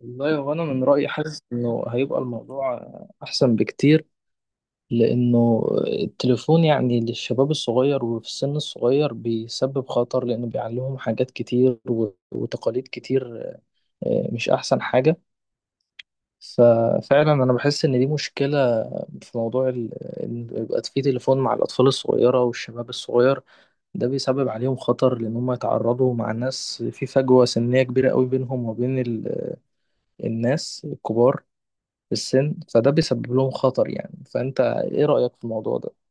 والله هو أنا من رأيي حاسس إنه هيبقى الموضوع أحسن بكتير. لأنه التليفون يعني للشباب الصغير وفي السن الصغير بيسبب خطر، لأنه بيعلمهم حاجات كتير وتقاليد كتير. مش أحسن حاجة. ففعلا أنا بحس إن دي مشكلة في موضوع إن يبقى في تليفون مع الأطفال الصغيرة والشباب الصغير. ده بيسبب عليهم خطر، لأن هم يتعرضوا مع ناس في فجوة سنية كبيرة قوي بينهم وبين الناس الكبار في السن، فده بيسبب لهم خطر يعني. فأنت إيه رأيك في الموضوع ده؟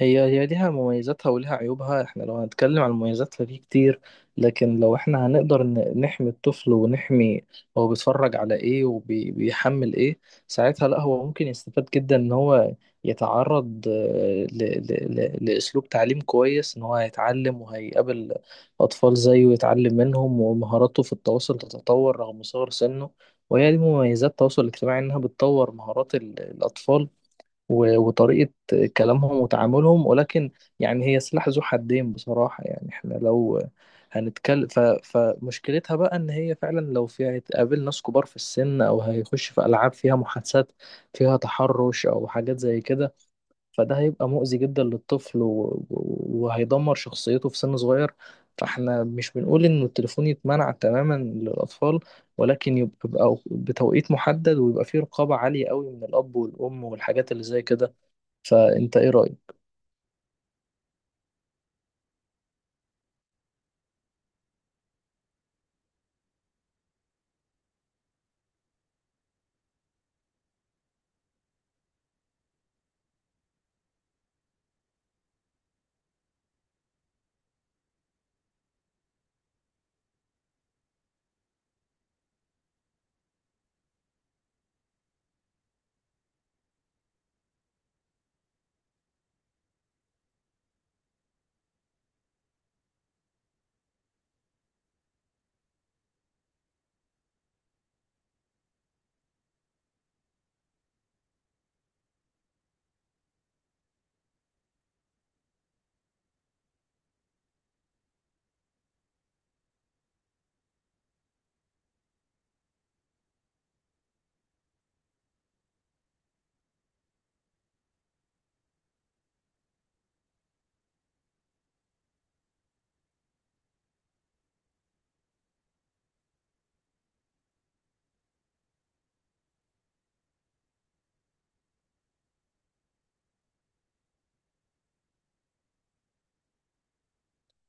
هي ليها مميزاتها وليها عيوبها. احنا لو هنتكلم عن المميزات فدي كتير، لكن لو احنا هنقدر نحمي الطفل ونحمي هو بيتفرج على ايه وبيحمل ايه، ساعتها لا هو ممكن يستفاد جدا ان هو يتعرض لأسلوب تعليم كويس. ان هو هيتعلم وهيقابل أطفال زيه ويتعلم منهم، ومهاراته في التواصل تتطور رغم صغر سنه. وهي دي مميزات التواصل الاجتماعي، انها بتطور مهارات الأطفال وطريقة كلامهم وتعاملهم. ولكن يعني هي سلاح ذو حدين بصراحة. يعني احنا لو هنتكلم فمشكلتها بقى ان هي فعلا لو فيها هتقابل ناس كبار في السن، او هيخش في العاب فيها محادثات فيها تحرش او حاجات زي كده، فده هيبقى مؤذي جدا للطفل وهيدمر شخصيته في سن صغير. فاحنا مش بنقول ان التليفون يتمنع تماما للاطفال، ولكن يبقى بتوقيت محدد ويبقى فيه رقابة عالية قوي من الاب والام والحاجات اللي زي كده. فانت ايه رايك؟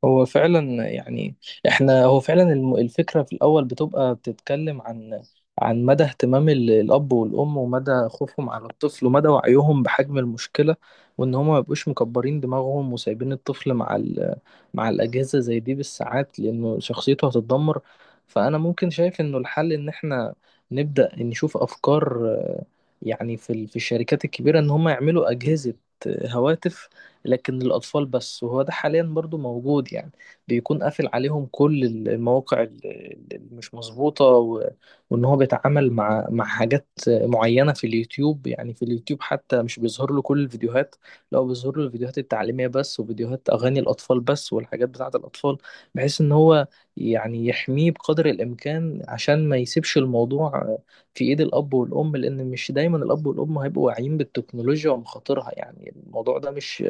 هو فعلا يعني احنا هو فعلا الفكره في الاول بتبقى بتتكلم عن عن مدى اهتمام الاب والام، ومدى خوفهم على الطفل، ومدى وعيهم بحجم المشكله، وان هما ما يبقوش مكبرين دماغهم وسايبين الطفل مع ال مع الاجهزه زي دي بالساعات، لانه شخصيته هتتدمر. فانا ممكن شايف انه الحل ان احنا نبدا نشوف افكار. يعني في في الشركات الكبيره، ان هما يعملوا اجهزه، هواتف، لكن الأطفال بس. وهو ده حاليا برضو موجود يعني، بيكون قافل عليهم كل المواقع اللي مش مظبوطة، وإن هو بيتعامل مع حاجات معينة في اليوتيوب. يعني في اليوتيوب حتى مش بيظهر له كل الفيديوهات، لا هو بيظهر له الفيديوهات التعليمية بس وفيديوهات أغاني الأطفال بس والحاجات بتاعة الأطفال، بحيث إن هو يعني يحميه بقدر الإمكان، عشان ما يسيبش الموضوع في ايد الاب والام، لان مش دايما الاب والام هيبقوا واعيين بالتكنولوجيا ومخاطرها. يعني الموضوع ده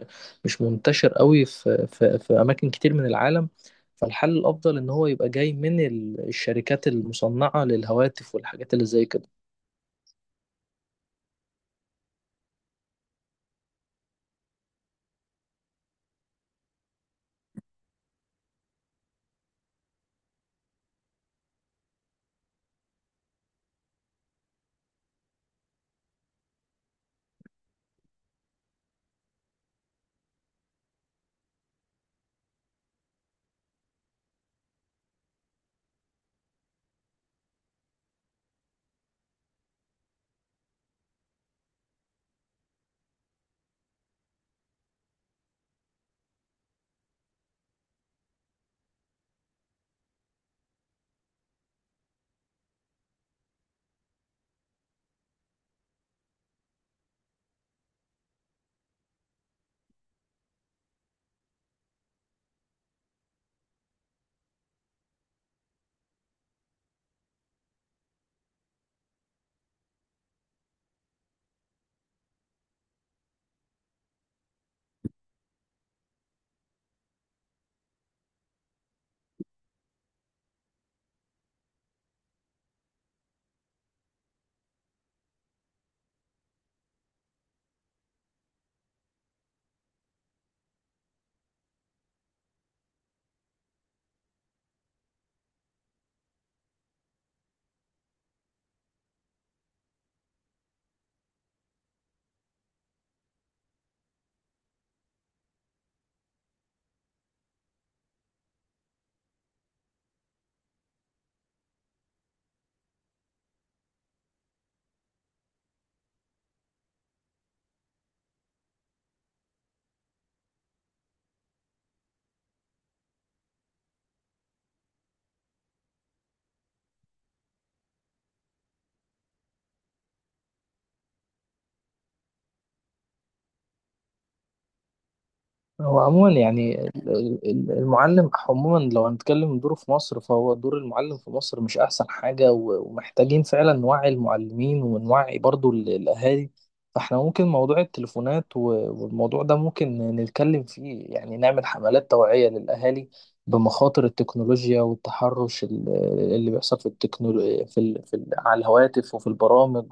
مش منتشر قوي في اماكن كتير من العالم. فالحل الافضل ان هو يبقى جاي من الشركات المصنعة للهواتف والحاجات اللي زي كده. هو عموما يعني المعلم عموما، لو هنتكلم من دوره في مصر، فهو دور المعلم في مصر مش أحسن حاجة، ومحتاجين فعلا نوعي المعلمين ونوعي برضو الأهالي. فاحنا ممكن موضوع التليفونات والموضوع ده ممكن نتكلم فيه، يعني نعمل حملات توعية للأهالي بمخاطر التكنولوجيا والتحرش اللي بيحصل في التكنولو... في ال... في ال... على الهواتف وفي البرامج.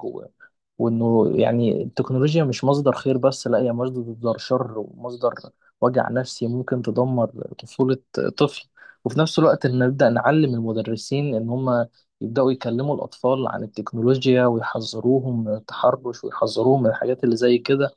وانه يعني التكنولوجيا مش مصدر خير بس، لا هي مصدر شر ومصدر وجع نفسي، ممكن تدمر طفولة طفل. وفي نفس الوقت ان نبدأ نعلم المدرسين ان هم يبدأوا يكلموا الأطفال عن التكنولوجيا ويحذروهم من التحرش ويحذروهم من الحاجات اللي زي كده.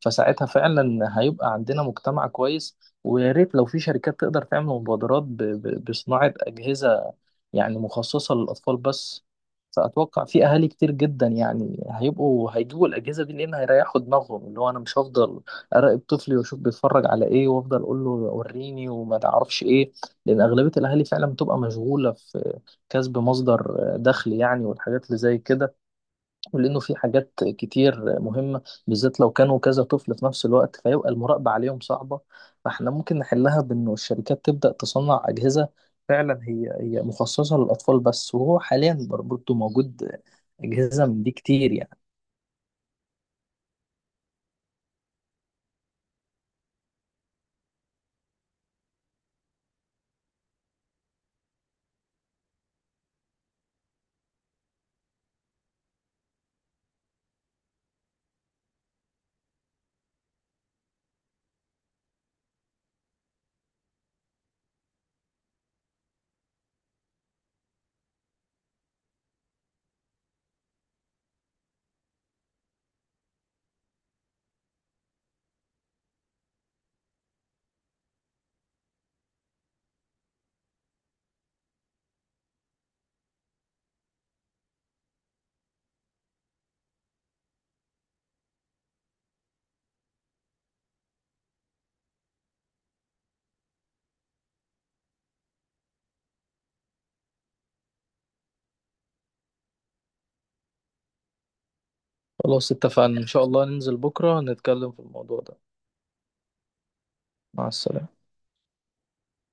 فساعتها فعلا هيبقى عندنا مجتمع كويس. ويا ريت لو في شركات تقدر تعمل مبادرات بصناعة أجهزة يعني مخصصة للأطفال بس. فأتوقع في أهالي كتير جدا يعني هيبقوا هيجيبوا الأجهزة دي، لأن هيريحوا دماغهم، اللي هو أنا مش هفضل أراقب طفلي وأشوف بيتفرج على إيه وأفضل أقول له وريني وما تعرفش إيه. لأن أغلبية الأهالي فعلا بتبقى مشغولة في كسب مصدر دخل يعني والحاجات اللي زي كده. ولأنه في حاجات كتير مهمة، بالذات لو كانوا كذا طفل في نفس الوقت، فيبقى المراقبة عليهم صعبة. فاحنا ممكن نحلها بأنه الشركات تبدأ تصنع أجهزة فعلا هي مخصصة للأطفال بس. وهو حاليا برضه موجود أجهزة من دي كتير يعني. خلاص، اتفقنا إن شاء الله ننزل بكرة نتكلم في الموضوع ده. مع السلامة.